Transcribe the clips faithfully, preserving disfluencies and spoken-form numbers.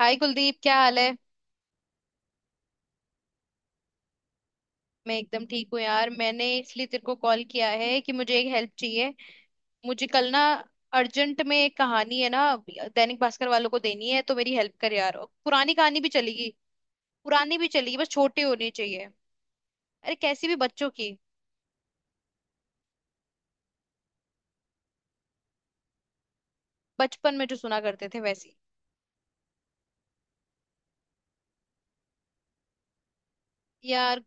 हाय कुलदीप, क्या हाल है। मैं एकदम ठीक हूँ यार। मैंने इसलिए तेरे को कॉल किया है कि मुझे एक हेल्प चाहिए। मुझे कल ना अर्जेंट में एक कहानी है ना, दैनिक भास्कर वालों को देनी है, तो मेरी हेल्प कर यार। पुरानी कहानी भी चलेगी। पुरानी भी चलेगी, बस छोटी होनी चाहिए। अरे कैसी भी, बच्चों की। बचपन में जो सुना करते थे वैसी। यार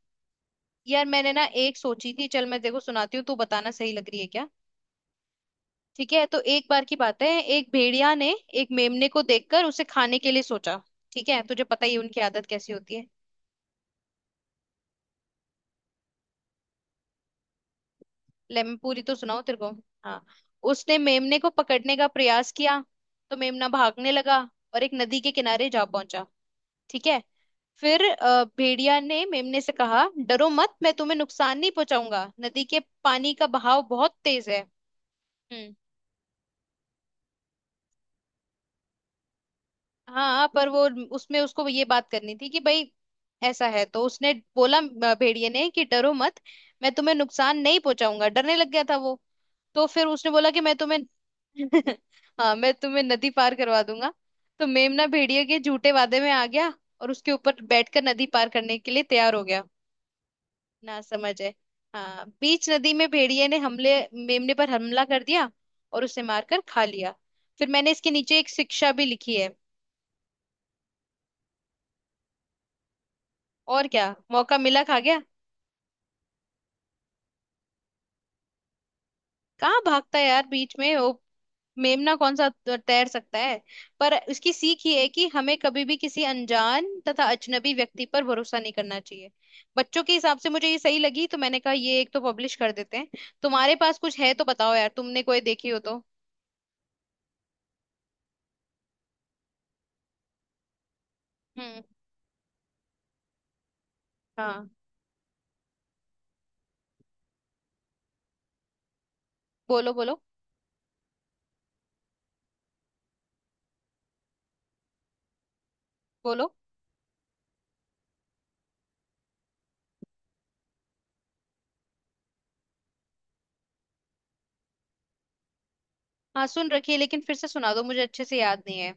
यार मैंने ना एक सोची थी, चल मैं देखो सुनाती हूँ, तू बताना सही लग रही है क्या। ठीक है, तो एक बार की बात है। एक भेड़िया ने एक मेमने को देखकर उसे खाने के लिए सोचा। ठीक है, तुझे पता ही है उनकी आदत कैसी होती है। ले मैं पूरी तो सुनाऊं तेरे को। हाँ। उसने मेमने को पकड़ने का प्रयास किया तो मेमना भागने लगा, और एक नदी के किनारे जा पहुंचा। ठीक है। फिर अ, भेड़िया ने मेमने से कहा, डरो मत, मैं तुम्हें नुकसान नहीं पहुंचाऊंगा, नदी के पानी का बहाव बहुत तेज है। हम्म। हाँ पर वो, उसमें उसको ये बात करनी थी कि भाई ऐसा है। तो उसने बोला अ, भेड़िए ने कि डरो मत, मैं तुम्हें नुकसान नहीं पहुंचाऊंगा। डरने लग गया था वो। तो फिर उसने बोला कि मैं तुम्हें— हाँ, मैं तुम्हें नदी पार करवा दूंगा। तो मेमना भेड़िए के झूठे वादे में आ गया, और उसके ऊपर बैठकर नदी पार करने के लिए तैयार हो गया। ना समझ है। हाँ, बीच नदी में भेड़िए ने हमले, मेमने पर हमला कर दिया और उसे मारकर खा लिया। फिर मैंने इसके नीचे एक शिक्षा भी लिखी है। और क्या, मौका मिला खा गया। कहाँ भागता है यार बीच में वो, मेमना कौन सा त- तैर सकता है। पर इसकी सीख ये है कि हमें कभी भी किसी अनजान तथा अजनबी व्यक्ति पर भरोसा नहीं करना चाहिए। बच्चों के हिसाब से मुझे ये सही लगी, तो मैंने कहा ये एक तो पब्लिश कर देते हैं। तुम्हारे पास कुछ है तो बताओ यार, तुमने कोई देखी हो तो। हम्म। हाँ। बोलो, बोलो। बोलो। हाँ सुन रखी है, लेकिन फिर से सुना दो, मुझे अच्छे से याद नहीं है।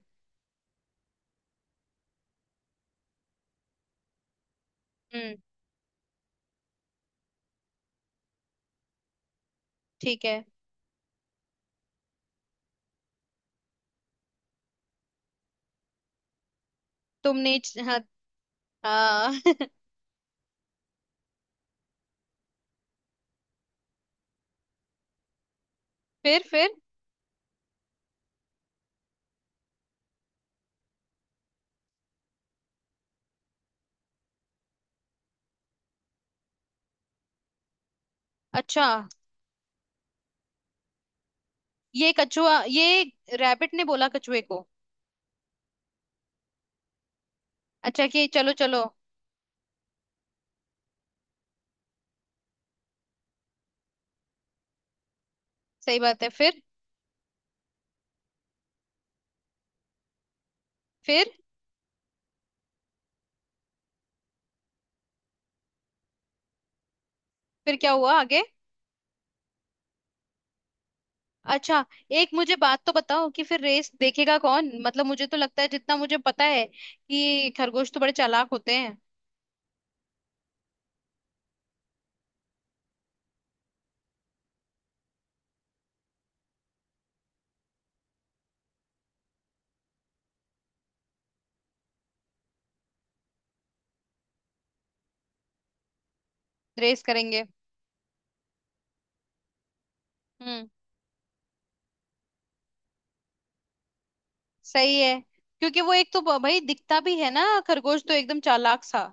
हम्म। ठीक है। तुमने च- हाँ। हाँ। फिर। फिर अच्छा, ये कछुआ, ये रैबिट ने बोला कछुए को। अच्छा, कि चलो, चलो। सही बात है। फिर फिर फिर क्या हुआ आगे। अच्छा, एक मुझे बात तो बताओ कि फिर रेस देखेगा कौन, मतलब मुझे तो लगता है, जितना मुझे पता है कि खरगोश तो बड़े चालाक होते हैं। रेस करेंगे। हम्म। सही है, क्योंकि वो एक तो ब- भाई दिखता भी है ना, खरगोश तो एकदम चालाक सा।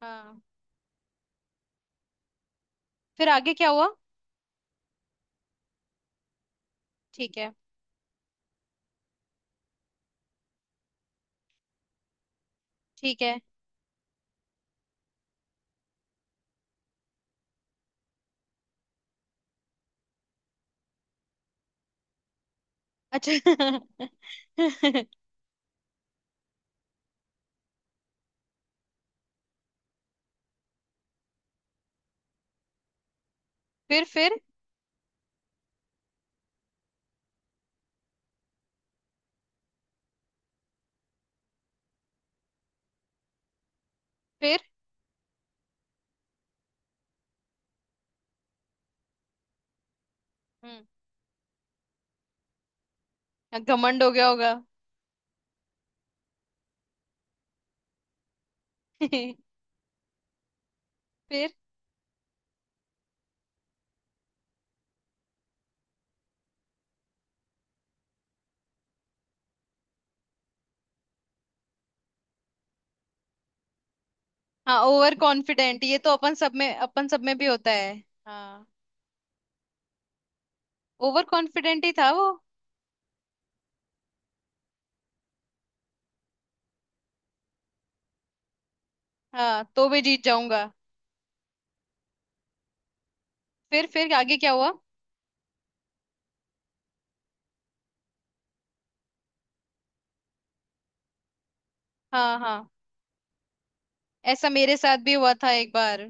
हाँ। फिर आगे क्या हुआ। ठीक है। ठीक है। अच्छा। फिर। फिर फिर हम्म। घमंड हो गया होगा। फिर। हाँ ओवर कॉन्फिडेंट, ये तो अपन सब में अपन सब में भी होता है। हाँ। ओवर कॉन्फिडेंट ही था वो। हाँ तो मैं जीत जाऊंगा। फिर फिर आगे क्या हुआ। हाँ, हाँ। ऐसा मेरे साथ भी हुआ था एक बार।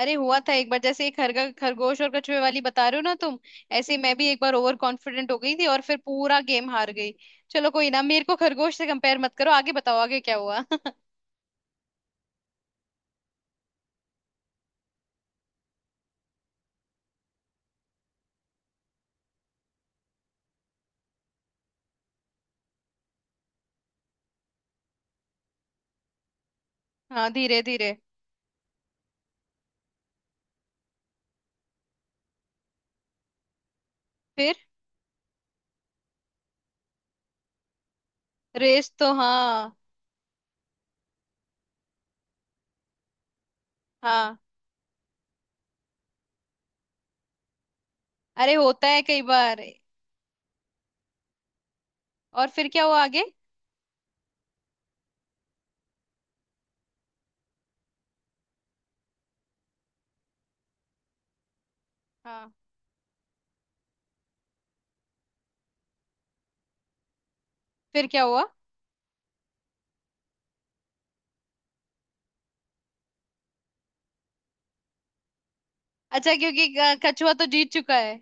अरे हुआ था एक बार, जैसे एक खरगा खरगोश और कछुए वाली बता रहे हो ना तुम, ऐसे मैं भी एक बार ओवर कॉन्फिडेंट हो गई थी और फिर पूरा गेम हार गई। चलो कोई ना, मेरे को खरगोश से कंपेयर मत करो, आगे बताओ, आगे क्या हुआ। हाँ, धीरे धीरे। फिर। रेस तो, हाँ। हाँ। अरे होता है कई बार। और फिर क्या हुआ आगे। हाँ। फिर क्या हुआ। अच्छा, क्योंकि अ, कछुआ तो जीत चुका है।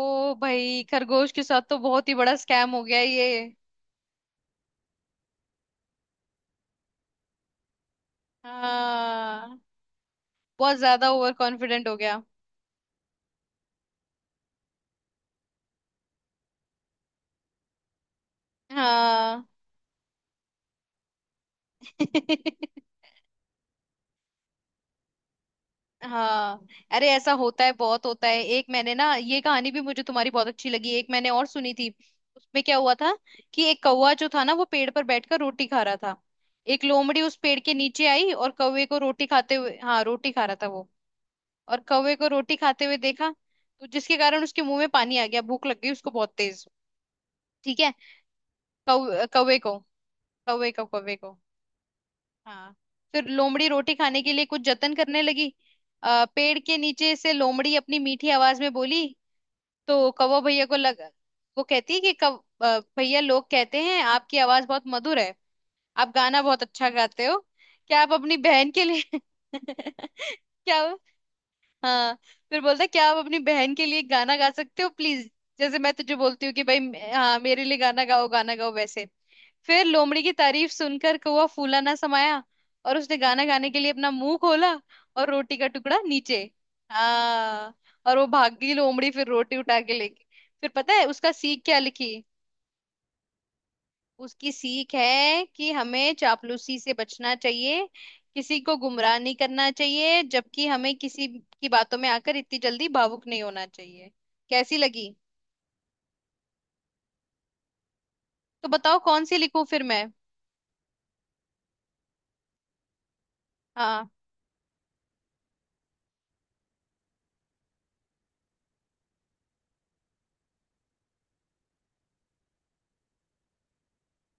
ओ भाई, खरगोश के साथ तो बहुत ही बड़ा स्कैम हो गया ये। हाँ। बहुत ज्यादा ओवर कॉन्फिडेंट हो गया। हाँ। हाँ। अरे ऐसा होता है, बहुत होता है। एक मैंने ना ये कहानी भी, मुझे तुम्हारी बहुत अच्छी लगी। एक मैंने और सुनी थी। उसमें क्या हुआ था कि एक कौवा जो था ना, वो पेड़ पर बैठकर रोटी खा रहा था। एक लोमड़ी उस पेड़ के नीचे आई और कौवे को रोटी खाते हुए, हाँ रोटी खा रहा था वो, और कौवे को रोटी खाते हुए देखा। तो जिसके कारण उसके मुंह में पानी आ गया, भूख लग गई उसको बहुत तेज। ठीक है। कौ, कौवे को। कौवे को, कौवे को। हाँ। फिर लोमड़ी रोटी खाने के लिए कुछ जतन करने लगी। अ, पेड़ के नीचे से लोमड़ी अपनी मीठी आवाज में बोली। तो कौवा भैया को लगा। वो कहती है कि कौ अ, भैया, लोग कहते हैं आपकी आवाज बहुत मधुर है, आप गाना बहुत अच्छा गाते हो। क्या आप अपनी बहन के लिए— क्या वो- हाँ, फिर बोलता है, क्या आप अपनी बहन के लिए गाना गा सकते हो प्लीज। जैसे मैं तुझे बोलती हूँ कि भाई, हाँ मेरे लिए गाना गाओ, गाना गाओ, वैसे। फिर लोमड़ी की तारीफ सुनकर कौवा फूला ना समाया, और उसने गाना गाने के लिए अपना मुंह खोला, और रोटी का टुकड़ा नीचे। हाँ। और वो भाग गई लोमड़ी, फिर रोटी उठा के लेके। फिर पता है उसका सीख क्या लिखी। उसकी सीख है कि हमें चापलूसी से बचना चाहिए, किसी को गुमराह नहीं करना चाहिए, जबकि हमें किसी की बातों में आकर इतनी जल्दी भावुक नहीं होना चाहिए। कैसी लगी। तो बताओ कौन सी लिखूं फिर मैं। हाँ।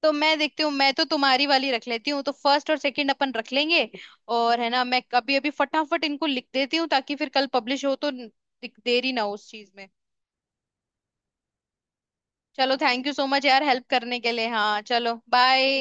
तो मैं देखती हूँ, मैं तो तुम्हारी वाली रख लेती हूँ, तो फर्स्ट और सेकंड अपन रख लेंगे। और है ना, मैं अभी अभी फटाफट इनको लिख देती हूँ, ताकि फिर कल पब्लिश हो तो न- दिक- देरी ना हो उस चीज में। चलो, थैंक यू सो मच यार, हेल्प करने के लिए। हाँ चलो, बाय।